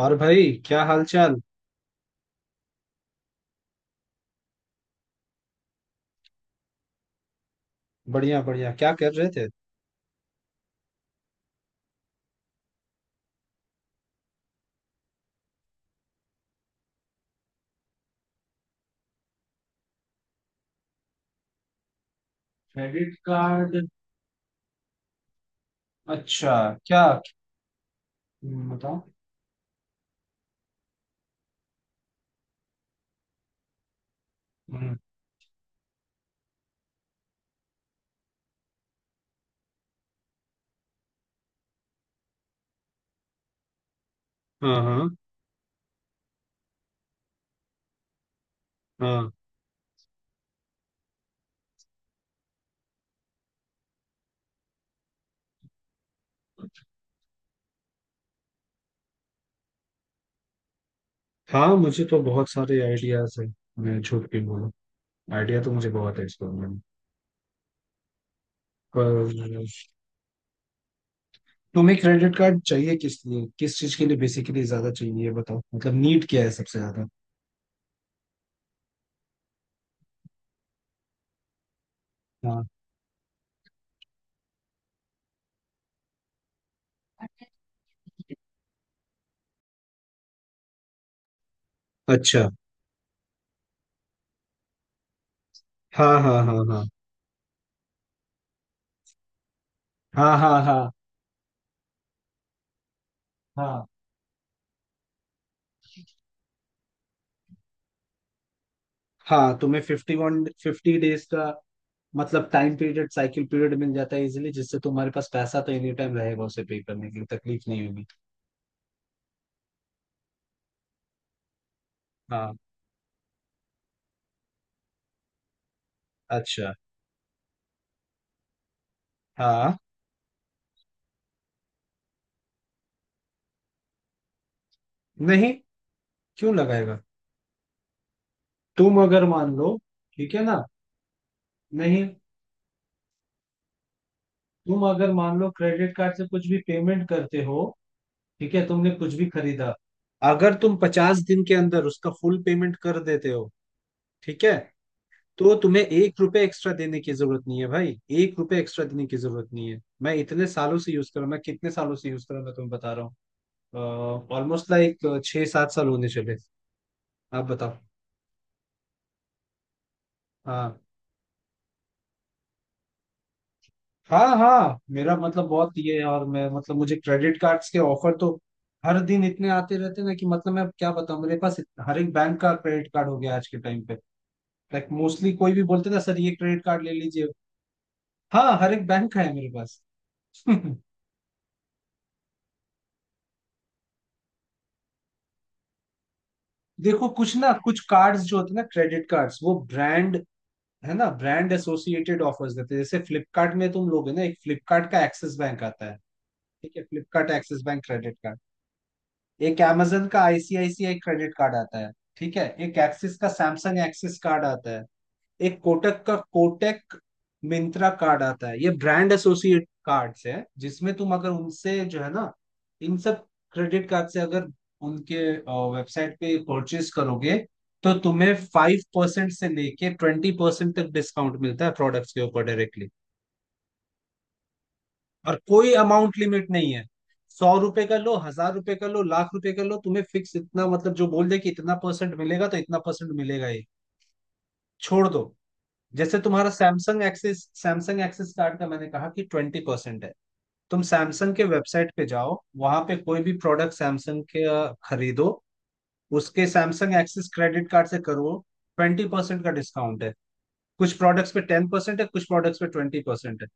और भाई, क्या हाल चाल? बढ़िया बढ़िया। क्या कर रहे थे? Credit card? अच्छा। क्या? बताओ। हम्म। हाँ, हाँ, हाँ, हाँ। मुझे तो बहुत सारे आइडियाज हैं। मैं झूठ के बोलूं? आइडिया तो मुझे बहुत है इसके बारे में। पर तुम्हें क्रेडिट कार्ड चाहिए किस लिए, किस चीज के लिए बेसिकली ज्यादा चाहिए, ये बताओ। मतलब नीड क्या है सबसे ज्यादा? हाँ। अच्छा। हाँ, हाँ, हाँ, हाँ, हाँ, हाँ, हाँ, हाँ, हाँ। तुम्हें फिफ्टी वन फिफ्टी डेज का मतलब टाइम पीरियड, साइकिल पीरियड मिल जाता है इजीली, जिससे तुम्हारे पास पैसा तो एनी टाइम रहेगा उसे पे करने के लिए, तकलीफ नहीं होगी। हाँ। अच्छा। हाँ। नहीं। क्यों लगाएगा? तुम अगर मान लो, ठीक है ना? नहीं। तुम अगर मान लो क्रेडिट कार्ड से कुछ भी पेमेंट करते हो, ठीक है, तुमने कुछ भी खरीदा, अगर तुम 50 दिन के अंदर उसका फुल पेमेंट कर देते हो, ठीक है, तो तुम्हें एक रुपए एक्स्ट्रा देने की जरूरत नहीं है भाई। एक रुपए एक्स्ट्रा देने की जरूरत नहीं है। मैं इतने सालों से यूज कर रहा हूँ, मैं कितने सालों से यूज कर रहा हूँ, मैं तुम्हें बता रहा हूँ। ऑलमोस्ट लाइक 6-7 साल होने चले। आप बताओ। हाँ, हाँ, हाँ। मेरा मतलब बहुत ये है, और मैं मतलब मुझे क्रेडिट कार्ड्स के ऑफर तो हर दिन इतने आते रहते हैं ना कि मतलब मैं अब क्या बताऊं, मेरे पास हर एक बैंक का क्रेडिट कार्ड हो गया आज के टाइम पे। लाइक मोस्टली कोई भी बोलते ना, सर ये क्रेडिट कार्ड ले लीजिए। हाँ, हर एक बैंक का है मेरे पास। देखो कुछ ना कुछ कार्ड्स जो होते हैं ना क्रेडिट कार्ड्स, वो ब्रांड, है ना, ब्रांड एसोसिएटेड ऑफर्स देते हैं। जैसे फ्लिपकार्ट में तुम लोगे ना, एक फ्लिपकार्ट का एक्सिस बैंक आता है, ठीक है, Flipkart Axis Bank credit card. एक amazon का आईसीआईसीआई क्रेडिट कार्ड आता है। ठीक है, एक एक्सिस का samsung एक्सिस कार्ड आता है। एक कोटक का कोटक मिंत्रा कार्ड आता है। ये ब्रांड एसोसिएट कार्ड्स है, जिसमें तुम अगर उनसे, जो है ना, इन सब क्रेडिट कार्ड से अगर उनके वेबसाइट पे परचेज करोगे, तो तुम्हें 5% से लेके 20% तक डिस्काउंट मिलता है, प्रोडक्ट्स के ऊपर डायरेक्टली। और कोई अमाउंट लिमिट नहीं है। 100 रुपए का लो, 1,000 रुपए का लो, लाख रुपए का लो, तुम्हें फिक्स इतना, मतलब जो बोल दे कि इतना परसेंट मिलेगा तो इतना परसेंट मिलेगा ही। छोड़ दो। जैसे तुम्हारा Samsung Axis, Samsung Axis card का मैंने कहा कि 20% है। तुम सैमसंग के वेबसाइट पे जाओ, वहां पे कोई भी प्रोडक्ट सैमसंग के खरीदो, उसके सैमसंग एक्सिस क्रेडिट कार्ड से करो, 20% का डिस्काउंट है। कुछ प्रोडक्ट्स पे 10% है, कुछ प्रोडक्ट्स पे 20% है।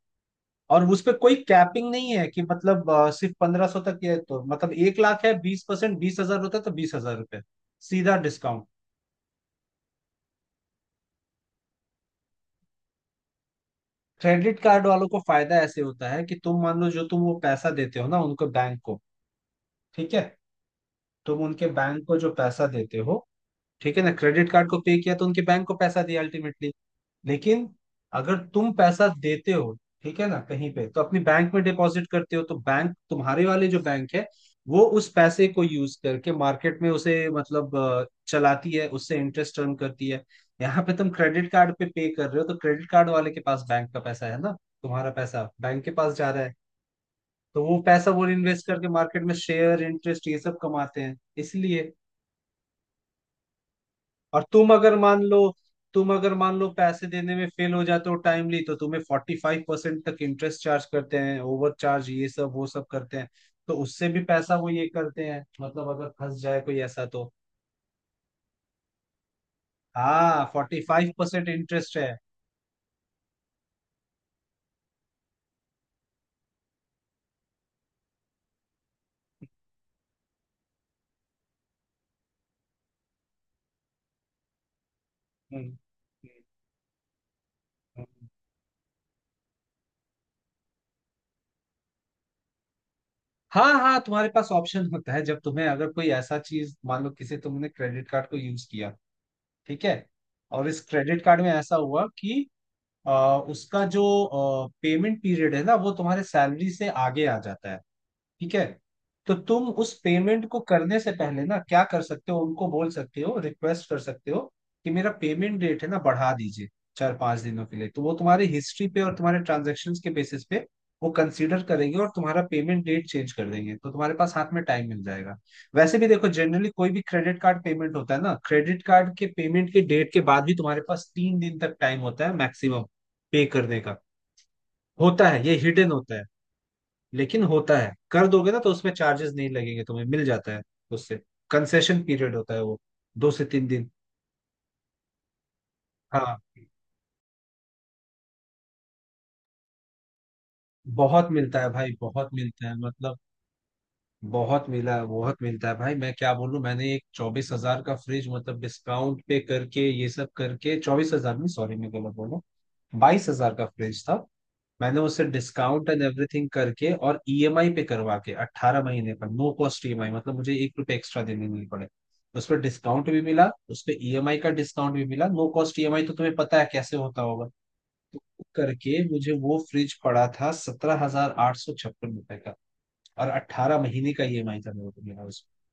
और उस पे कोई कैपिंग नहीं है कि मतलब सिर्फ 1500 तक है। तो मतलब एक लाख है, 20% 20,000 होता है, तो 20,000 रुपये सीधा डिस्काउंट। क्रेडिट कार्ड वालों को फायदा ऐसे होता है कि तुम मान लो, जो तुम वो पैसा देते हो ना उनको, बैंक को, ठीक है, तुम उनके बैंक को जो पैसा देते हो, ठीक है ना, क्रेडिट कार्ड को पे किया तो उनके बैंक को पैसा दिया अल्टीमेटली। लेकिन अगर तुम पैसा देते हो, ठीक है ना, कहीं पे, तो अपनी बैंक में डिपॉजिट करते हो, तो बैंक, तुम्हारे वाले जो बैंक है, वो उस पैसे को यूज करके मार्केट में उसे मतलब चलाती है, उससे इंटरेस्ट अर्न करती है। यहाँ पे तुम क्रेडिट कार्ड पे पे कर रहे हो, तो क्रेडिट कार्ड वाले के पास बैंक का पैसा है ना, तुम्हारा पैसा बैंक के पास जा रहा है, तो वो पैसा वो इन्वेस्ट करके मार्केट में शेयर, इंटरेस्ट, ये सब कमाते हैं इसलिए। और तुम अगर मान लो, पैसे देने में फेल हो जाते हो टाइमली, तो तुम्हें 45% तक इंटरेस्ट चार्ज करते हैं, ओवर चार्ज, ये सब वो सब करते हैं। तो उससे भी पैसा वो ये करते हैं, मतलब अगर फंस जाए कोई ऐसा तो। हाँ, 45% इंटरेस्ट है। हम्म। हाँ, हाँ, तुम्हारे पास ऑप्शन होता है, जब तुम्हें अगर कोई ऐसा चीज, मान लो किसी तुमने क्रेडिट कार्ड को यूज किया, ठीक है, और इस क्रेडिट कार्ड में ऐसा हुआ कि अ, उसका जो पेमेंट पीरियड है ना वो तुम्हारे सैलरी से आगे आ जाता है, ठीक है, तो तुम उस पेमेंट को करने से पहले ना क्या कर सकते हो, उनको बोल सकते हो, रिक्वेस्ट कर सकते हो कि मेरा पेमेंट डेट है ना बढ़ा दीजिए 4-5 दिनों के लिए। तो वो तुम्हारी हिस्ट्री पे और तुम्हारे ट्रांजेक्शन्स के बेसिस पे वो कंसीडर करेंगे और तुम्हारा पेमेंट डेट चेंज कर देंगे, तो तुम्हारे पास हाथ में टाइम मिल जाएगा। वैसे भी देखो जनरली, कोई भी क्रेडिट कार्ड पेमेंट होता है ना, क्रेडिट कार्ड के पेमेंट के डेट के बाद भी तुम्हारे पास 3 दिन तक टाइम होता है मैक्सिमम पे करने का। होता है, ये हिडन होता है, लेकिन होता है। कर दोगे ना तो उसमें चार्जेस नहीं लगेंगे, तुम्हें मिल जाता है उससे। कंसेशन पीरियड होता है वो, 2 से 3 दिन। हाँ। बहुत मिलता है भाई, बहुत मिलता है, मतलब बहुत मिला है, बहुत मिलता है भाई। मैं क्या बोलूं, मैंने एक 24,000 का फ्रिज, मतलब डिस्काउंट पे करके ये सब करके, 24,000 नहीं, सॉरी मैं गलत बोला, 22,000 का फ्रिज था। मैंने उसे डिस्काउंट एंड एवरीथिंग करके और ईएमआई पे करवा के 18 महीने पर नो कॉस्ट ईएमआई, मतलब मुझे एक रुपये एक्स्ट्रा देने नहीं पड़े। उस पर डिस्काउंट भी मिला, उस पर ईएमआई का डिस्काउंट भी मिला, नो कॉस्ट ईएमआई, तो तुम्हें पता है कैसे होता होगा। तो करके मुझे वो फ्रिज पड़ा था 17,856 रुपए का। और 18 महीने का ईएमआई था मेरे को मिला उसमें,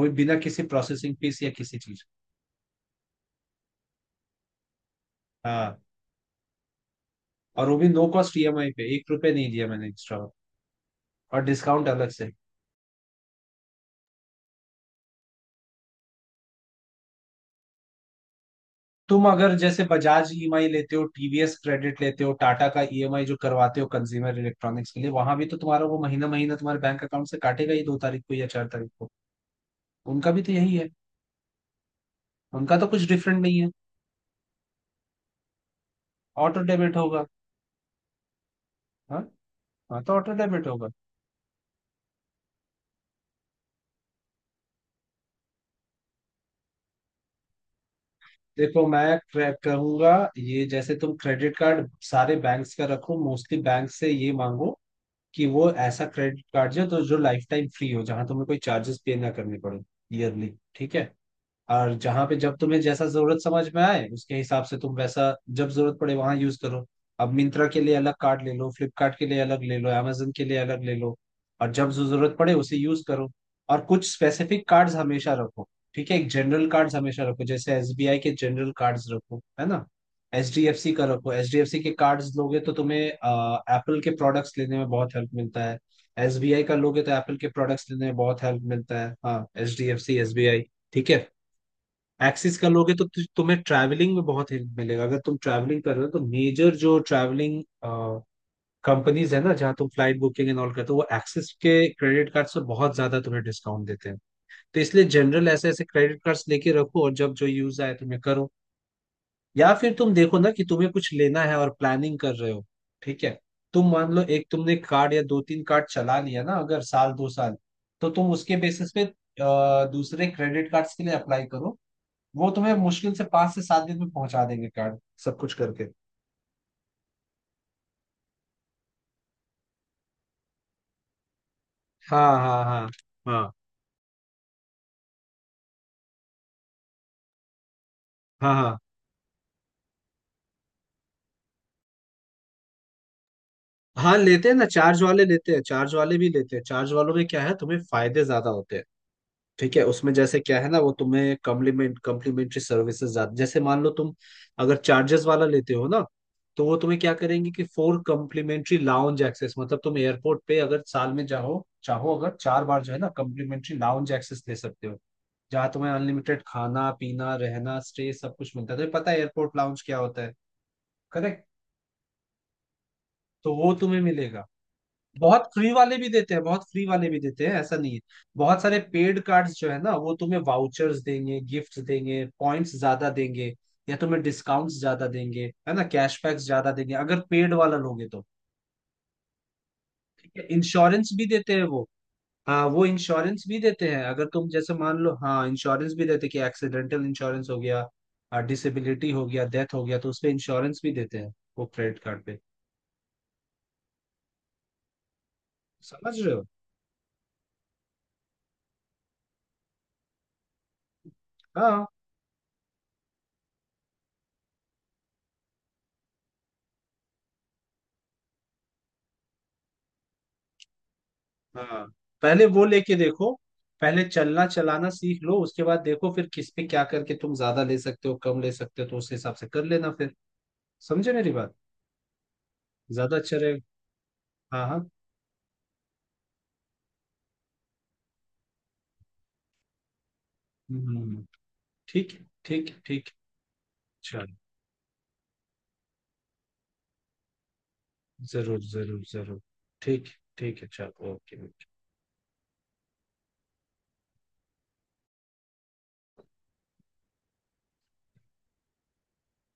वो भी बिना किसी प्रोसेसिंग फीस या किसी चीज। हाँ, और वो भी नो कॉस्ट ईएमआई पे, एक रुपए नहीं दिया मैंने एक्स्ट्रा, और डिस्काउंट अलग से। तुम अगर जैसे बजाज ईएमआई लेते हो, टीवीएस क्रेडिट लेते हो, टाटा का ईएमआई जो करवाते हो कंज्यूमर इलेक्ट्रॉनिक्स के लिए, वहां भी तो तुम्हारा वो महीना महीना तुम्हारे बैंक अकाउंट से काटेगा ही, 2 तारीख को या 4 तारीख को। उनका भी तो यही है, उनका तो कुछ डिफरेंट नहीं है। ऑटो डेबिट होगा। हाँ, हाँ, तो ऑटो डेबिट होगा। देखो मैं कहूंगा, ये जैसे तुम क्रेडिट कार्ड सारे बैंक्स का रखो, मोस्टली बैंक से ये मांगो कि वो ऐसा क्रेडिट कार्ड जो, तो जो लाइफ टाइम फ्री हो, जहां तुम्हें कोई चार्जेस पे ना करने पड़े ईयरली, ठीक है, और जहां पे जब तुम्हें जैसा जरूरत समझ में आए उसके हिसाब से, तुम वैसा जब जरूरत पड़े वहां यूज करो। अब मिंत्रा के लिए अलग कार्ड ले लो, फ्लिपकार्ट के लिए अलग ले लो, amazon के लिए अलग ले लो, और जब जो जरूरत पड़े उसे यूज करो। और कुछ स्पेसिफिक कार्ड्स हमेशा रखो, ठीक है, एक जनरल कार्ड्स हमेशा रखो, जैसे एसबीआई के जनरल कार्ड्स रखो, है ना, एचडीएफसी का रखो। एचडीएफसी के कार्ड्स लोगे तो तुम्हें एप्पल के प्रोडक्ट्स लेने में बहुत हेल्प मिलता है, एसबीआई का लोगे तो एप्पल के प्रोडक्ट्स लेने में बहुत हेल्प मिलता है। हाँ, एचडीएफसी, एसबीआई, ठीक है, एक्सिस कर लोगे तो तुम्हें ट्रैवलिंग में बहुत हेल्प मिलेगा, अगर तुम ट्रैवलिंग कर रहे हो, तो मेजर जो ट्रैवलिंग कंपनीज है ना जहाँ तुम फ्लाइट बुकिंग एंड ऑल करते हो, वो एक्सिस के क्रेडिट कार्ड से बहुत ज्यादा तुम्हें डिस्काउंट देते हैं। तो इसलिए जनरल ऐसे ऐसे क्रेडिट कार्ड्स लेके रखो और जब जो यूज आए तुम्हें करो, या फिर तुम देखो ना कि तुम्हें कुछ लेना है और प्लानिंग कर रहे हो, ठीक है। तुम मान लो एक तुमने कार्ड या दो तीन कार्ड चला लिया ना, अगर साल दो साल, तो तुम उसके बेसिस पे दूसरे क्रेडिट कार्ड्स के लिए अप्लाई करो, वो तुम्हें मुश्किल से 5 से 7 दिन में पहुंचा देंगे कार्ड सब कुछ करके। हाँ, हाँ, हाँ, हाँ, हाँ, हाँ, हाँ, लेते हैं ना, चार्ज वाले लेते हैं, चार्ज वाले भी लेते हैं। चार्ज वालों में क्या है, तुम्हें फायदे ज्यादा होते हैं, ठीक है, उसमें जैसे क्या है ना, वो तुम्हें कम्प्लीमेंट्री सर्विसेज ज्यादा। जैसे मान लो तुम अगर चार्जेस वाला लेते हो ना, तो वो तुम्हें क्या करेंगे कि फोर कम्प्लीमेंट्री लाउंज एक्सेस, मतलब तुम एयरपोर्ट पे अगर साल में जाओ चाहो अगर 4 बार, जो है ना, कम्प्लीमेंट्री लाउंज एक्सेस ले सकते हो, जहाँ तुम्हें अनलिमिटेड खाना पीना रहना स्टे सब कुछ मिलता है। तो पता है एयरपोर्ट लाउंज क्या होता है, करेक्ट? तो वो तुम्हें मिलेगा। बहुत फ्री वाले भी देते हैं, बहुत फ्री वाले भी देते हैं, ऐसा नहीं है। बहुत सारे पेड कार्ड्स जो है ना वो तुम्हें वाउचर्स देंगे, गिफ्ट्स देंगे, पॉइंट्स ज्यादा देंगे या तुम्हें डिस्काउंट्स ज्यादा देंगे, है ना, कैशबैक्स ज्यादा देंगे अगर पेड वाला लोगे तो। ठीक है, इंश्योरेंस भी देते हैं वो। हाँ, वो इंश्योरेंस भी देते हैं, अगर तुम जैसे मान लो, हाँ इंश्योरेंस भी देते हैं कि एक्सीडेंटल इंश्योरेंस हो गया, डिसेबिलिटी हो गया, डेथ हो गया, तो उसपे इंश्योरेंस भी देते हैं, वो क्रेडिट कार्ड पे। समझ रहे हो? हाँ, हाँ। पहले वो लेके देखो, पहले चलना चलाना सीख लो, उसके बाद देखो फिर किस पे क्या करके तुम ज्यादा ले सकते हो कम ले सकते हो, तो उस हिसाब से कर लेना फिर। समझे मेरी बात? ज्यादा अच्छा रहेगा। हाँ, हाँ। हम्म, ठीक है, ठीक है, ठीक है। चलो, जरूर जरूर जरूर। ठीक। ठीक है, चलो, ओके।